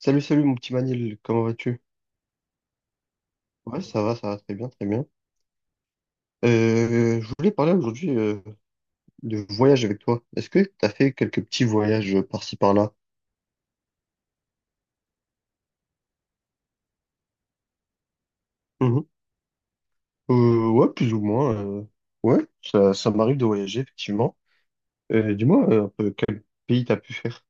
Salut, salut mon petit Manil, comment vas-tu? Ouais, ça va très bien, très bien. Je voulais parler aujourd'hui de voyage avec toi. Est-ce que tu as fait quelques petits voyages par-ci par-là? Mhm. Ouais, plus ou moins. Ouais, ça m'arrive de voyager, effectivement. Dis-moi un peu quel pays t'as pu faire?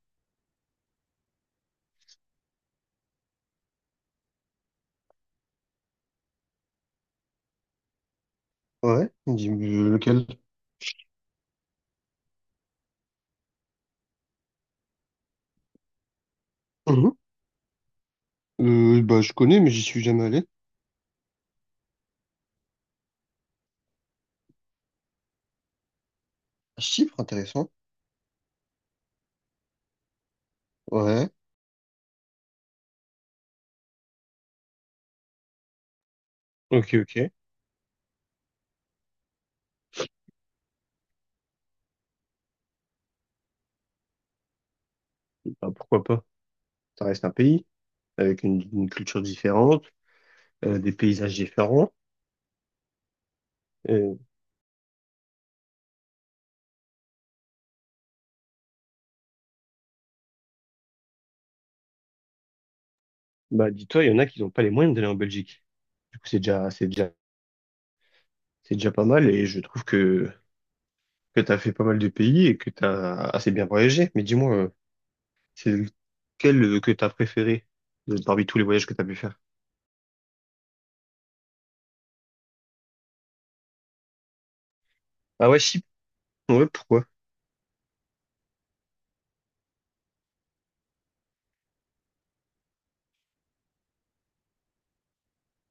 Ouais, dis lequel? Mhm. Bah, je connais, mais j'y suis jamais allé. Chypre, intéressant. Ouais. Ok, ok. Bah, pourquoi pas? Ça reste un pays avec une culture différente, des paysages différents. Bah, dis-toi, il y en a qui n'ont pas les moyens d'aller en Belgique. Du coup, c'est déjà pas mal et je trouve que tu as fait pas mal de pays et que tu as assez bien voyagé. Mais dis-moi, c'est lequel que tu as préféré parmi tous les voyages que tu as pu faire? Ah ouais, Chypre. Ouais, pourquoi?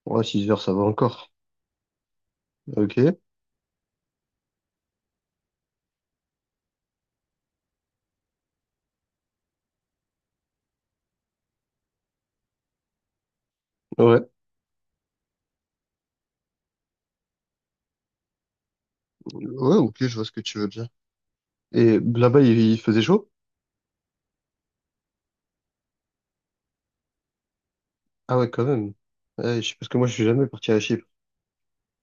Ouais, 6 heures, ça va encore. Ok, ouais. Ouais, ok, je vois ce que tu veux dire. Et là-bas, il faisait chaud? Ah ouais, quand même. Ouais, parce que moi, je suis jamais parti à Chypre.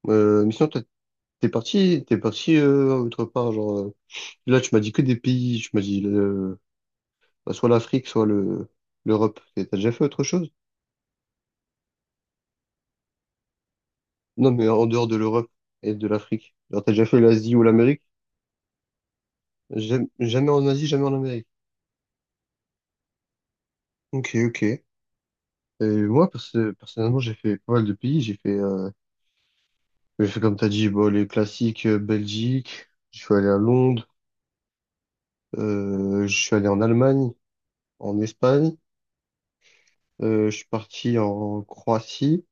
Mais sinon, toi, t'es parti autre part, genre... Là, tu m'as dit que des pays. Tu m'as dit bah, soit l'Afrique, soit le l'Europe. Et t'as déjà fait autre chose? Non, mais en dehors de l'Europe et de l'Afrique. Genre, t'as déjà fait l'Asie ou l'Amérique? Jamais, jamais en Asie, jamais en Amérique. Ok, ok. Et moi, personnellement, j'ai fait pas mal de pays. J'ai fait comme t'as dit, bon, les classiques, Belgique. Je suis allé à Londres. Je suis allé en Allemagne, en Espagne. Je suis parti en Croatie.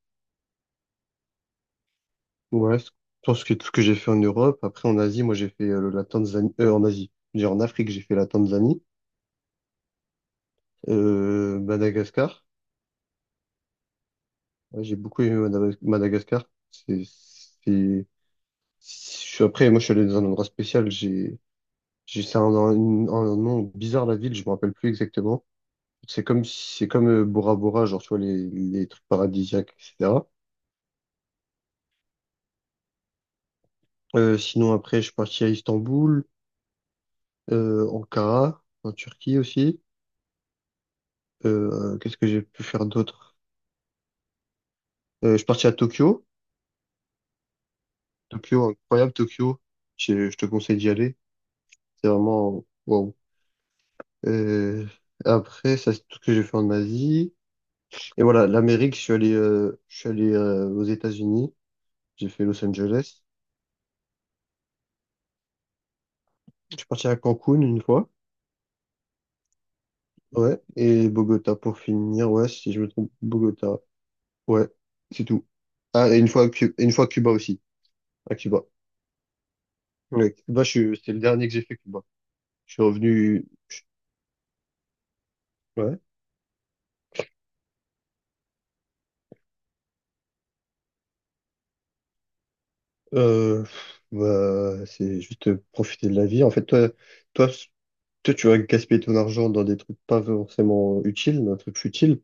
Ouais, je pense que tout ce que j'ai fait en Europe. Après, en Asie, moi, j'ai fait la Tanzanie. En Asie. J'ai en Afrique, j'ai fait la Tanzanie. Madagascar. Ouais, j'ai beaucoup aimé Madagascar. C'est, c'est, Après, moi, je suis allé dans un endroit spécial. C'est un nom bizarre, la ville. Je me rappelle plus exactement. C'est comme, si- C'est comme Bora Bora, genre, tu vois, les trucs paradisiaques, etc. Sinon, après, je suis parti à Istanbul, Ankara, en Turquie aussi. Qu'est-ce que j'ai pu faire d'autre? Je suis parti à Tokyo. Tokyo, incroyable, Tokyo. Je te conseille d'y aller. C'est vraiment, waouh. Euh, Ça c'est tout ce que j'ai fait en Asie. Et voilà, l'Amérique, je suis allé aux États-Unis. J'ai fait Los Angeles. Je suis parti à Cancun une fois. Ouais. Et Bogota pour finir. Ouais, si je me trompe, Bogota. Ouais, c'est tout. Ah, et une fois, Cuba aussi. À Cuba. Ouais, Cuba, c'était le dernier que j'ai fait, Cuba. Je suis revenu. Ouais. Euh, Bah, c'est juste profiter de la vie. En fait, toi Toi, tu vas gaspiller ton argent dans des trucs pas forcément utiles, dans des trucs futiles.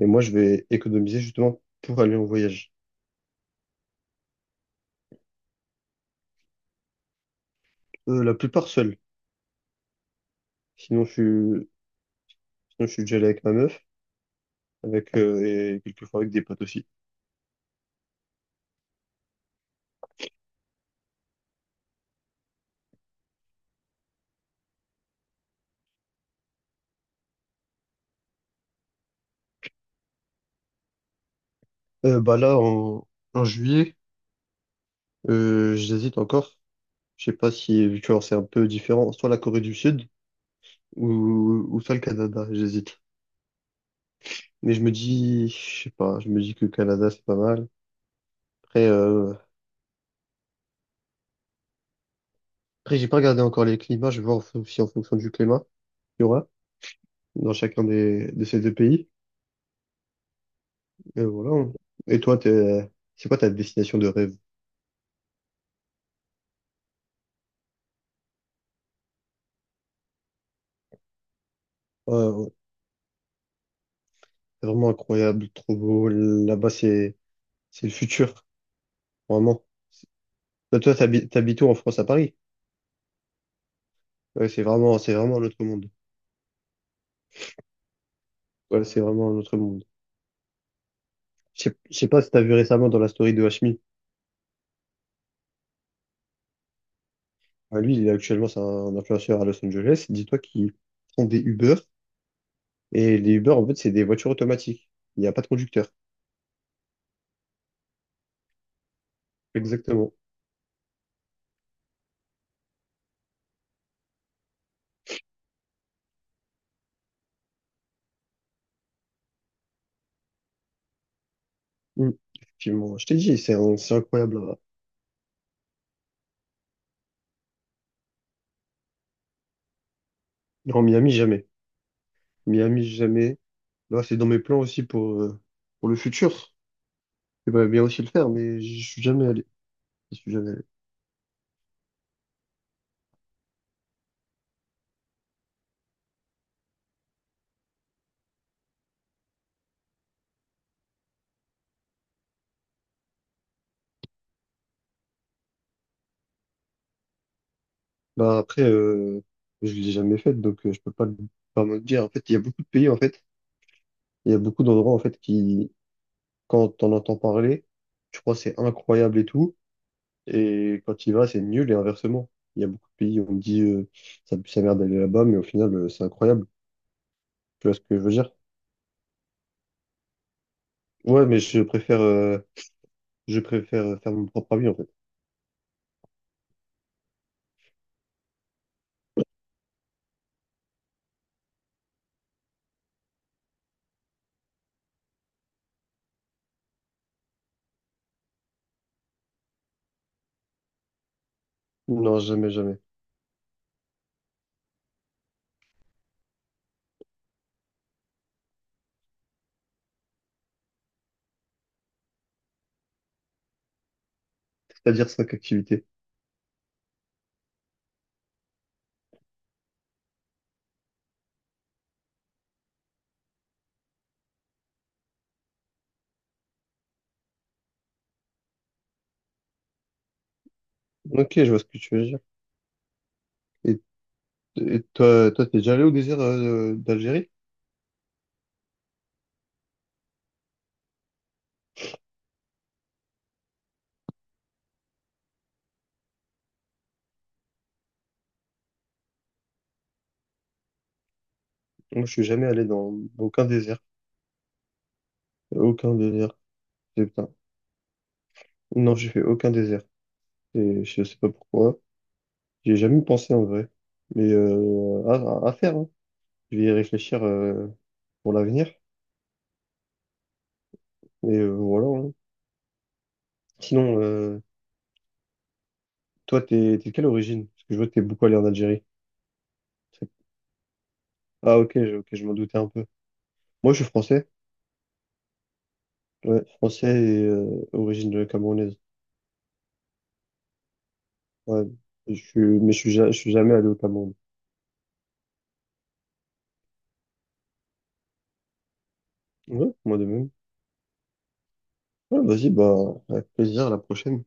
Et moi, je vais économiser justement pour aller en voyage. La plupart seul. Sinon, je suis, Sinon, je suis déjà allé avec ma meuf, avec, et quelquefois avec des potes aussi. Euh, bah là, en, En juillet, j'hésite encore. Je sais pas si, tu vois, c'est un peu différent. Soit la Corée du Sud ou soit le Canada, j'hésite. Mais je me dis, je sais pas, je me dis que le Canada, c'est pas mal. Après, euh, Après, j'ai pas regardé encore les climats. Je vais voir si en fonction du climat. Dans chacun des, de ces deux pays. Et voilà. Et toi, t'es, c'est quoi ta destination de rêve? Ouais, ouais, c'est vraiment incroyable, trop beau. Là-bas, c'est le futur, vraiment. Toi, t'habites où en France, à Paris? Ouais, c'est vraiment un autre monde. Ouais, c'est vraiment un autre monde. Je sais pas si t'as vu récemment dans la story de Hashmi. Ah, lui, il est actuellement, c'est un influenceur à Los Angeles. Dis-toi qu'il prend des Uber. Et les Uber, en fait, c'est des voitures automatiques. Il n'y a pas de conducteur. Exactement. Mm. Effectivement. Je t'ai dit, c'est incroyable. Non, Miami, jamais. Miami, jamais. Là, c'est dans mes plans aussi pour le futur. J'aimerais bien aussi le faire, mais je suis jamais allé. Je suis jamais allé. Bah, après, euh, je l'ai jamais fait, donc je peux pas, pas me le dire. En fait, il y a beaucoup de pays, en fait. Il y a beaucoup d'endroits, en fait, qui, quand t'en entends parler, tu crois que c'est incroyable et tout. Et quand tu y vas, c'est nul et inversement. Il y a beaucoup de pays où on me dit, ça pue sa mère d'aller là-bas, mais au final, c'est incroyable. Tu vois ce que je veux dire? Ouais, mais je préfère faire mon propre avis, en fait. Non, jamais, jamais. C'est-à-dire cinq activités. Ok, je vois ce que tu veux dire. Et, et toi, toi, t'es déjà allé au désert d'Algérie? Moi, je suis jamais allé dans aucun désert. Aucun désert. C'est- putain. Non, j'ai fait aucun désert. Et je sais pas pourquoi. J'ai jamais pensé en vrai. Mais à faire, hein. Je vais y réfléchir pour l'avenir. Et voilà. Hein. Sinon, euh, Toi, t'es, t'es de quelle origine? Parce que je vois que t'es beaucoup allé en Algérie. Ah, ok, ok, je m'en doutais un peu. Moi, je suis français. Ouais, français et origine camerounaise. Ouais, mais je suis, je suis jamais allé au Cameroun. Ouais, moi de même. Ouais, vas-y, bah, avec plaisir, à la prochaine.